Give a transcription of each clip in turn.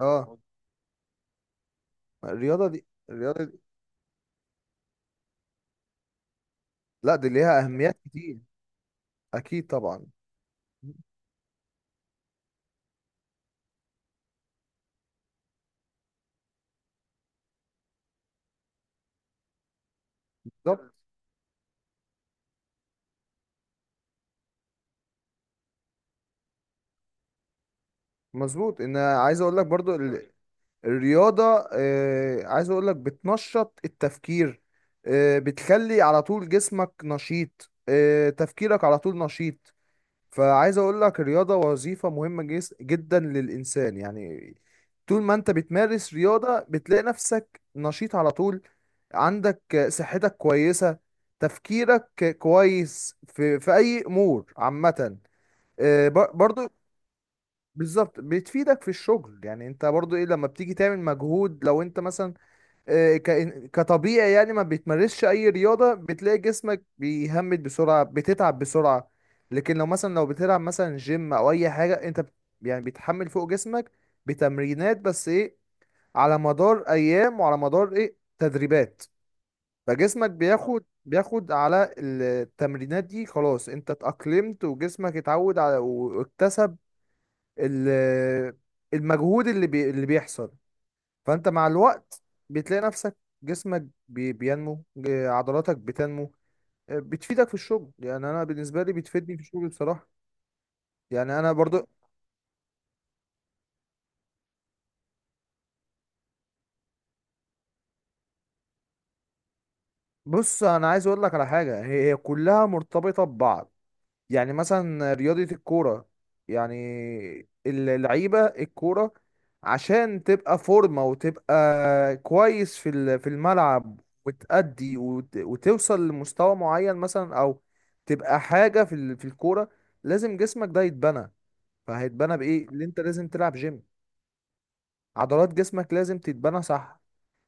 اه. الرياضة دي. لا، دي ليها أهميات كتير. أكيد طبعا. بالظبط. مظبوط، إن عايز أقول لك برضو الرياضة. عايز أقول لك بتنشط التفكير، بتخلي على طول جسمك نشيط، تفكيرك على طول نشيط. فعايز اقول لك الرياضة وظيفة مهمة جدا للانسان يعني. طول ما انت بتمارس رياضة بتلاقي نفسك نشيط على طول، عندك صحتك كويسة، تفكيرك كويس في اي امور عامة. برضو بالظبط، بتفيدك في الشغل. يعني انت برضو ايه، لما بتيجي تعمل مجهود لو انت مثلا كطبيعي، يعني ما بيتمارسش اي رياضة، بتلاقي جسمك بيهمد بسرعة، بتتعب بسرعة. لكن لو مثلا لو بتلعب مثلا جيم او اي حاجة انت يعني بتحمل فوق جسمك بتمرينات، بس ايه، على مدار ايام وعلى مدار ايه تدريبات. فجسمك بياخد على التمرينات دي، خلاص انت اتأقلمت وجسمك اتعود على واكتسب ال- المجهود اللي بيحصل. فانت مع الوقت بتلاقي نفسك، جسمك بينمو، عضلاتك بتنمو. بتفيدك في الشغل. يعني انا بالنسبه لي بتفيدني في الشغل بصراحه. يعني انا برضو. بص انا عايز اقول لك على حاجه، هي كلها مرتبطه ببعض. يعني مثلا رياضة الكورة، يعني اللعيبة الكورة، عشان تبقى فورمة وتبقى كويس في في الملعب، وتأدي وتوصل لمستوى معين مثلا، أو تبقى حاجة في في الكورة، لازم جسمك ده يتبنى. فهيتبنى بإيه؟ اللي أنت لازم تلعب جيم، عضلات جسمك لازم تتبنى، صح.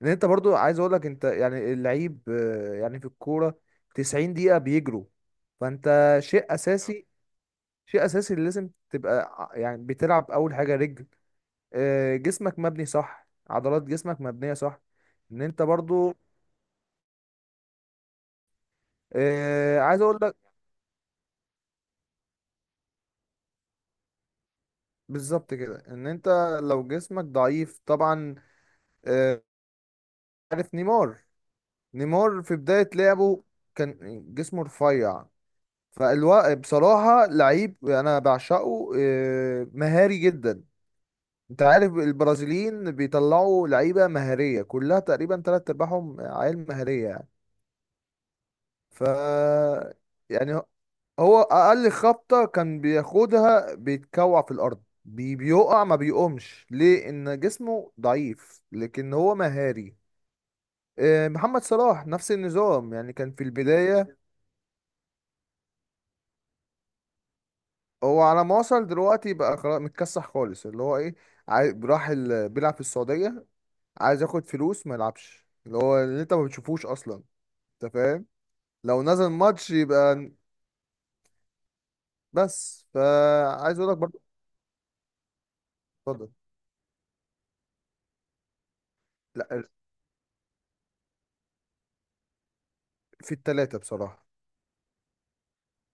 لأن أنت برضو عايز أقولك أنت يعني اللعيب، يعني في الكورة 90 دقيقة بيجروا. فأنت شيء أساسي، شيء اساسي اللي لازم تبقى يعني بتلعب اول حاجه رجل، جسمك مبني صح، عضلات جسمك مبنيه صح، ان انت برضو. عايز اقول لك، بالظبط كده ان انت لو جسمك ضعيف طبعا. آه، عارف نيمار؟ نيمار في بدايه لعبه كان جسمه رفيع. فالوا بصراحه لعيب انا بعشقه، مهاري جدا. انت عارف البرازيليين بيطلعوا لعيبه مهاريه كلها تقريبا، تلات ارباعهم عيال مهاريه يعني. ف يعني هو اقل خبطه كان بياخدها بيتكوع في الارض، بيقع ما بيقومش، ليه؟ ان جسمه ضعيف، لكن هو مهاري. محمد صلاح نفس النظام، يعني كان في البدايه. هو على ما وصل دلوقتي بقى خلاص متكسح خالص، اللي هو ايه، بيلعب في السعوديه، عايز ياخد فلوس ما يلعبش، اللي هو اللي انت ما بتشوفوش اصلا. انت فاهم؟ لو نزل ماتش يبقى. بس فعايز اقول لك برضه. اتفضل. لا، في التلاتة بصراحة.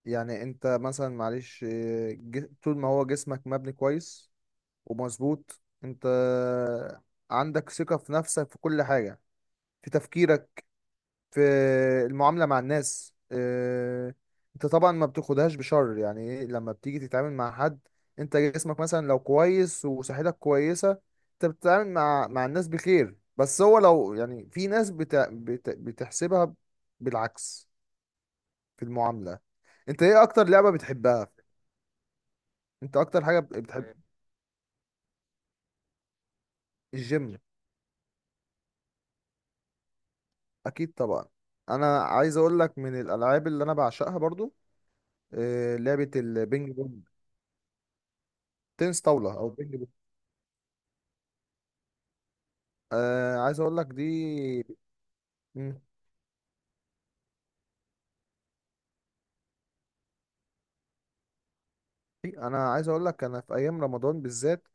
يعني انت مثلا معلش، طول ما هو جسمك مبني كويس ومظبوط، انت عندك ثقة في نفسك في كل حاجة، في تفكيرك، في المعاملة مع الناس. انت طبعا ما بتاخدهاش بشر. يعني ايه، لما بتيجي تتعامل مع حد، انت جسمك مثلا لو كويس وصحتك كويسة، انت بتتعامل مع الناس بخير. بس هو لو يعني في ناس بت... بت... بتحسبها بالعكس في المعاملة. انت ايه اكتر لعبة بتحبها؟ انت اكتر حاجة بتحب؟ الجيم، اكيد طبعا. انا عايز اقول لك من الالعاب اللي انا بعشقها برضو، لعبة البينج بونج، تنس طاولة او بينج بونج. عايز اقول لك دي. مم. انا عايز اقول لك انا في ايام رمضان بالذات،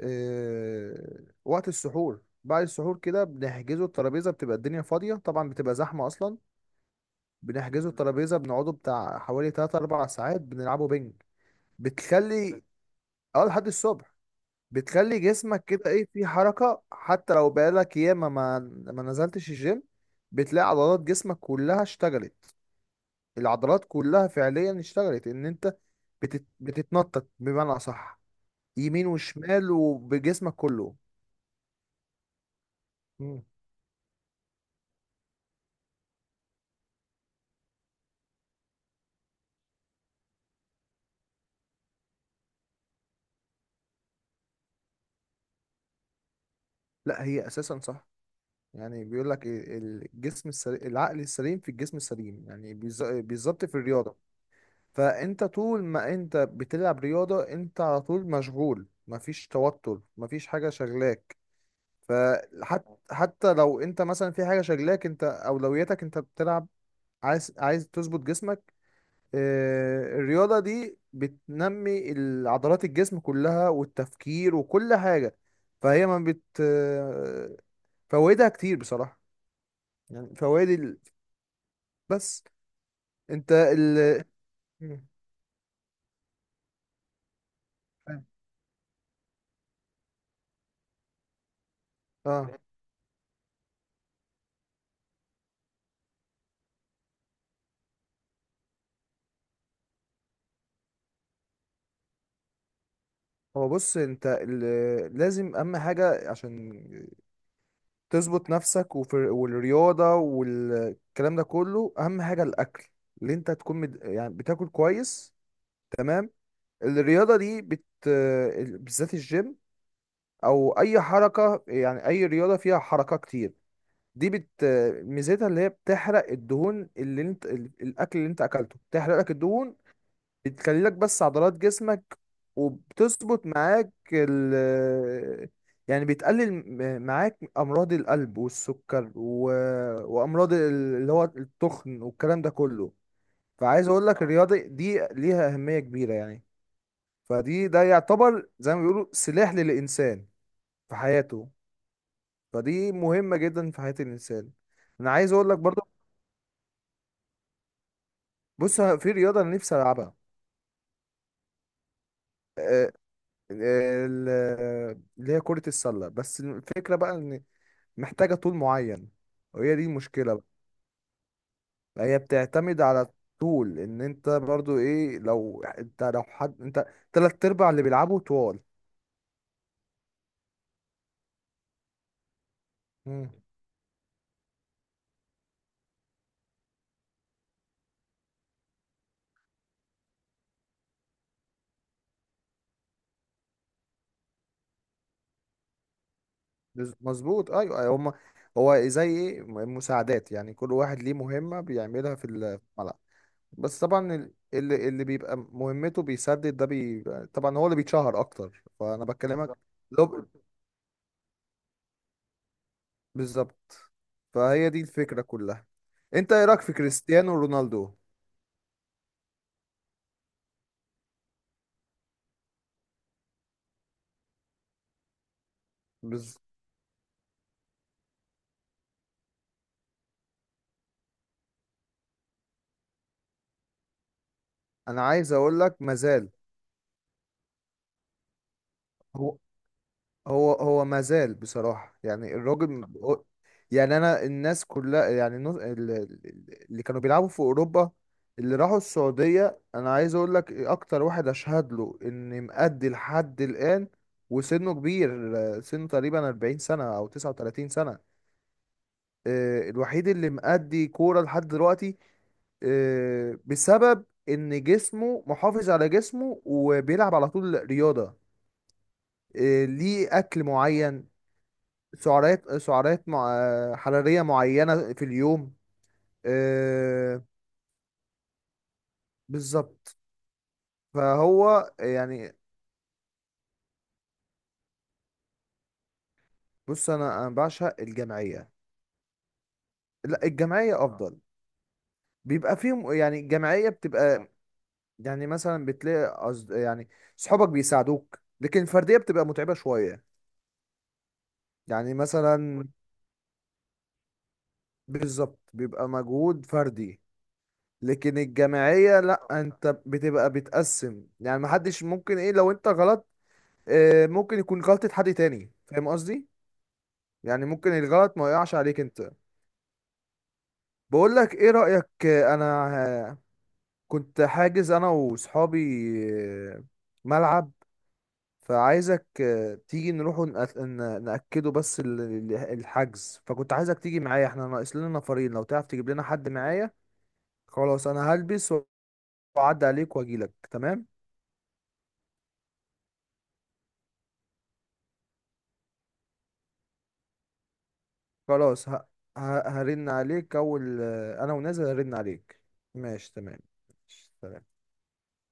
وقت السحور بعد السحور كده، بنحجزوا الترابيزة، بتبقى الدنيا فاضية طبعا، بتبقى زحمة أصلا، بنحجزوا الترابيزة، بنقعدوا بتاع حوالي 3 4 ساعات بنلعبوا بينج. بتخلي، اه لحد الصبح. بتخلي جسمك كده ايه في حركة، حتى لو بقالك ياما ما ما نزلتش الجيم، بتلاقي عضلات جسمك كلها اشتغلت، العضلات كلها فعليا اشتغلت، ان انت بتت... بتتنطط بمعنى اصح يمين وشمال وبجسمك كله. مم. لا، هي اساسا صح. يعني بيقول لك الجسم السليم، العقل السليم في الجسم السليم. يعني بالظبط في الرياضة. فانت طول ما انت بتلعب رياضة انت على طول مشغول، مفيش توتر، مفيش حاجة شغلاك. فحتى حتى لو انت مثلا في حاجة شغلاك، انت اولوياتك انت بتلعب، عايز تظبط جسمك. الرياضة دي بتنمي عضلات الجسم كلها والتفكير وكل حاجة. فهي ما بت آه، فوائدها كتير بصراحة. يعني فوائد ال... بس انت ال مم. اه. هو بص انت لازم اهم حاجة عشان تظبط نفسك وفي والرياضة والكلام ده كله، اهم حاجة الاكل، اللي انت تكون مد... يعني بتاكل كويس، تمام. الرياضة دي بت... بالذات الجيم، او اي حركة، يعني اي رياضة فيها حركة كتير، دي بت... ميزتها اللي هي بتحرق الدهون، اللي انت الاكل اللي انت اكلته بتحرق لك الدهون، بتخلي لك بس عضلات جسمك، وبتظبط معاك ال، يعني بتقلل معاك امراض القلب والسكر و... وامراض اللي هو التخن والكلام ده كله. فعايز اقول لك الرياضه دي ليها اهميه كبيره يعني. فدي ده يعتبر زي ما بيقولوا سلاح للانسان في حياته. فدي مهمه جدا في حياه الانسان. انا عايز اقول لك برضه، بص، في رياضه انا نفسي العبها. آه، آه، ال- اللي هي كرة السلة، بس الفكرة بقى ان محتاجة طول معين، وهي دي المشكلة. بقى هي بتعتمد على طول، ان انت برضو ايه، لو انت لو حد انت تلات ارباع اللي بيلعبوا طوال. مم. مظبوط، ايوه أيوة. هما، هو زي ايه مساعدات، يعني كل واحد ليه مهمة بيعملها في في الملعب. بس طبعا اللي بيبقى مهمته بيسدد ده بيبقى طبعا هو اللي بيتشهر اكتر، فانا بكلمك. بالظبط لو- بالظبط. فهي دي الفكرة كلها. انت ايه رأيك في كريستيانو رونالدو؟ انا عايز اقول لك مازال. هو هو مازال بصراحة، يعني الراجل يعني انا، الناس كلها يعني اللي كانوا بيلعبوا في اوروبا اللي راحوا السعودية، انا عايز اقول لك اكتر واحد اشهد له ان مأدي لحد الآن وسنه كبير، سنه تقريبا 40 سنة او 39 سنة. الوحيد اللي مأدي كورة لحد دلوقتي، بسبب ان جسمه محافظ على جسمه وبيلعب على طول رياضة، ليه اكل معين، سعرات حراريه معينه في اليوم. آه، بالظبط. فهو يعني، بص انا بعشق الجمعيه. لا، الجمعيه افضل. بيبقى فيهم يعني الجمعيه بتبقى، يعني مثلا بتلاقي أصد... يعني صحابك بيساعدوك، لكن الفرديه بتبقى متعبه شويه. يعني مثلا، بالظبط بيبقى مجهود فردي. لكن الجماعية لا، انت بتبقى بتقسم، يعني محدش ممكن ايه لو انت غلط، ممكن يكون غلطة حد تاني، فاهم قصدي؟ يعني ممكن الغلط ما يقعش عليك انت. بقول لك ايه رأيك، انا آه، كنت حاجز انا وصحابي آه، ملعب، فعايزك تيجي نروح نأكده بس الحجز، فكنت عايزك تيجي معايا، احنا ناقص لنا نفرين لو تعرف تجيب لنا حد معايا. خلاص، انا هلبس واعدي عليك واجيلك، تمام. خلاص ه... هرن عليك اول، انا ونازل هرن عليك. ماشي تمام. ماشي، سلام.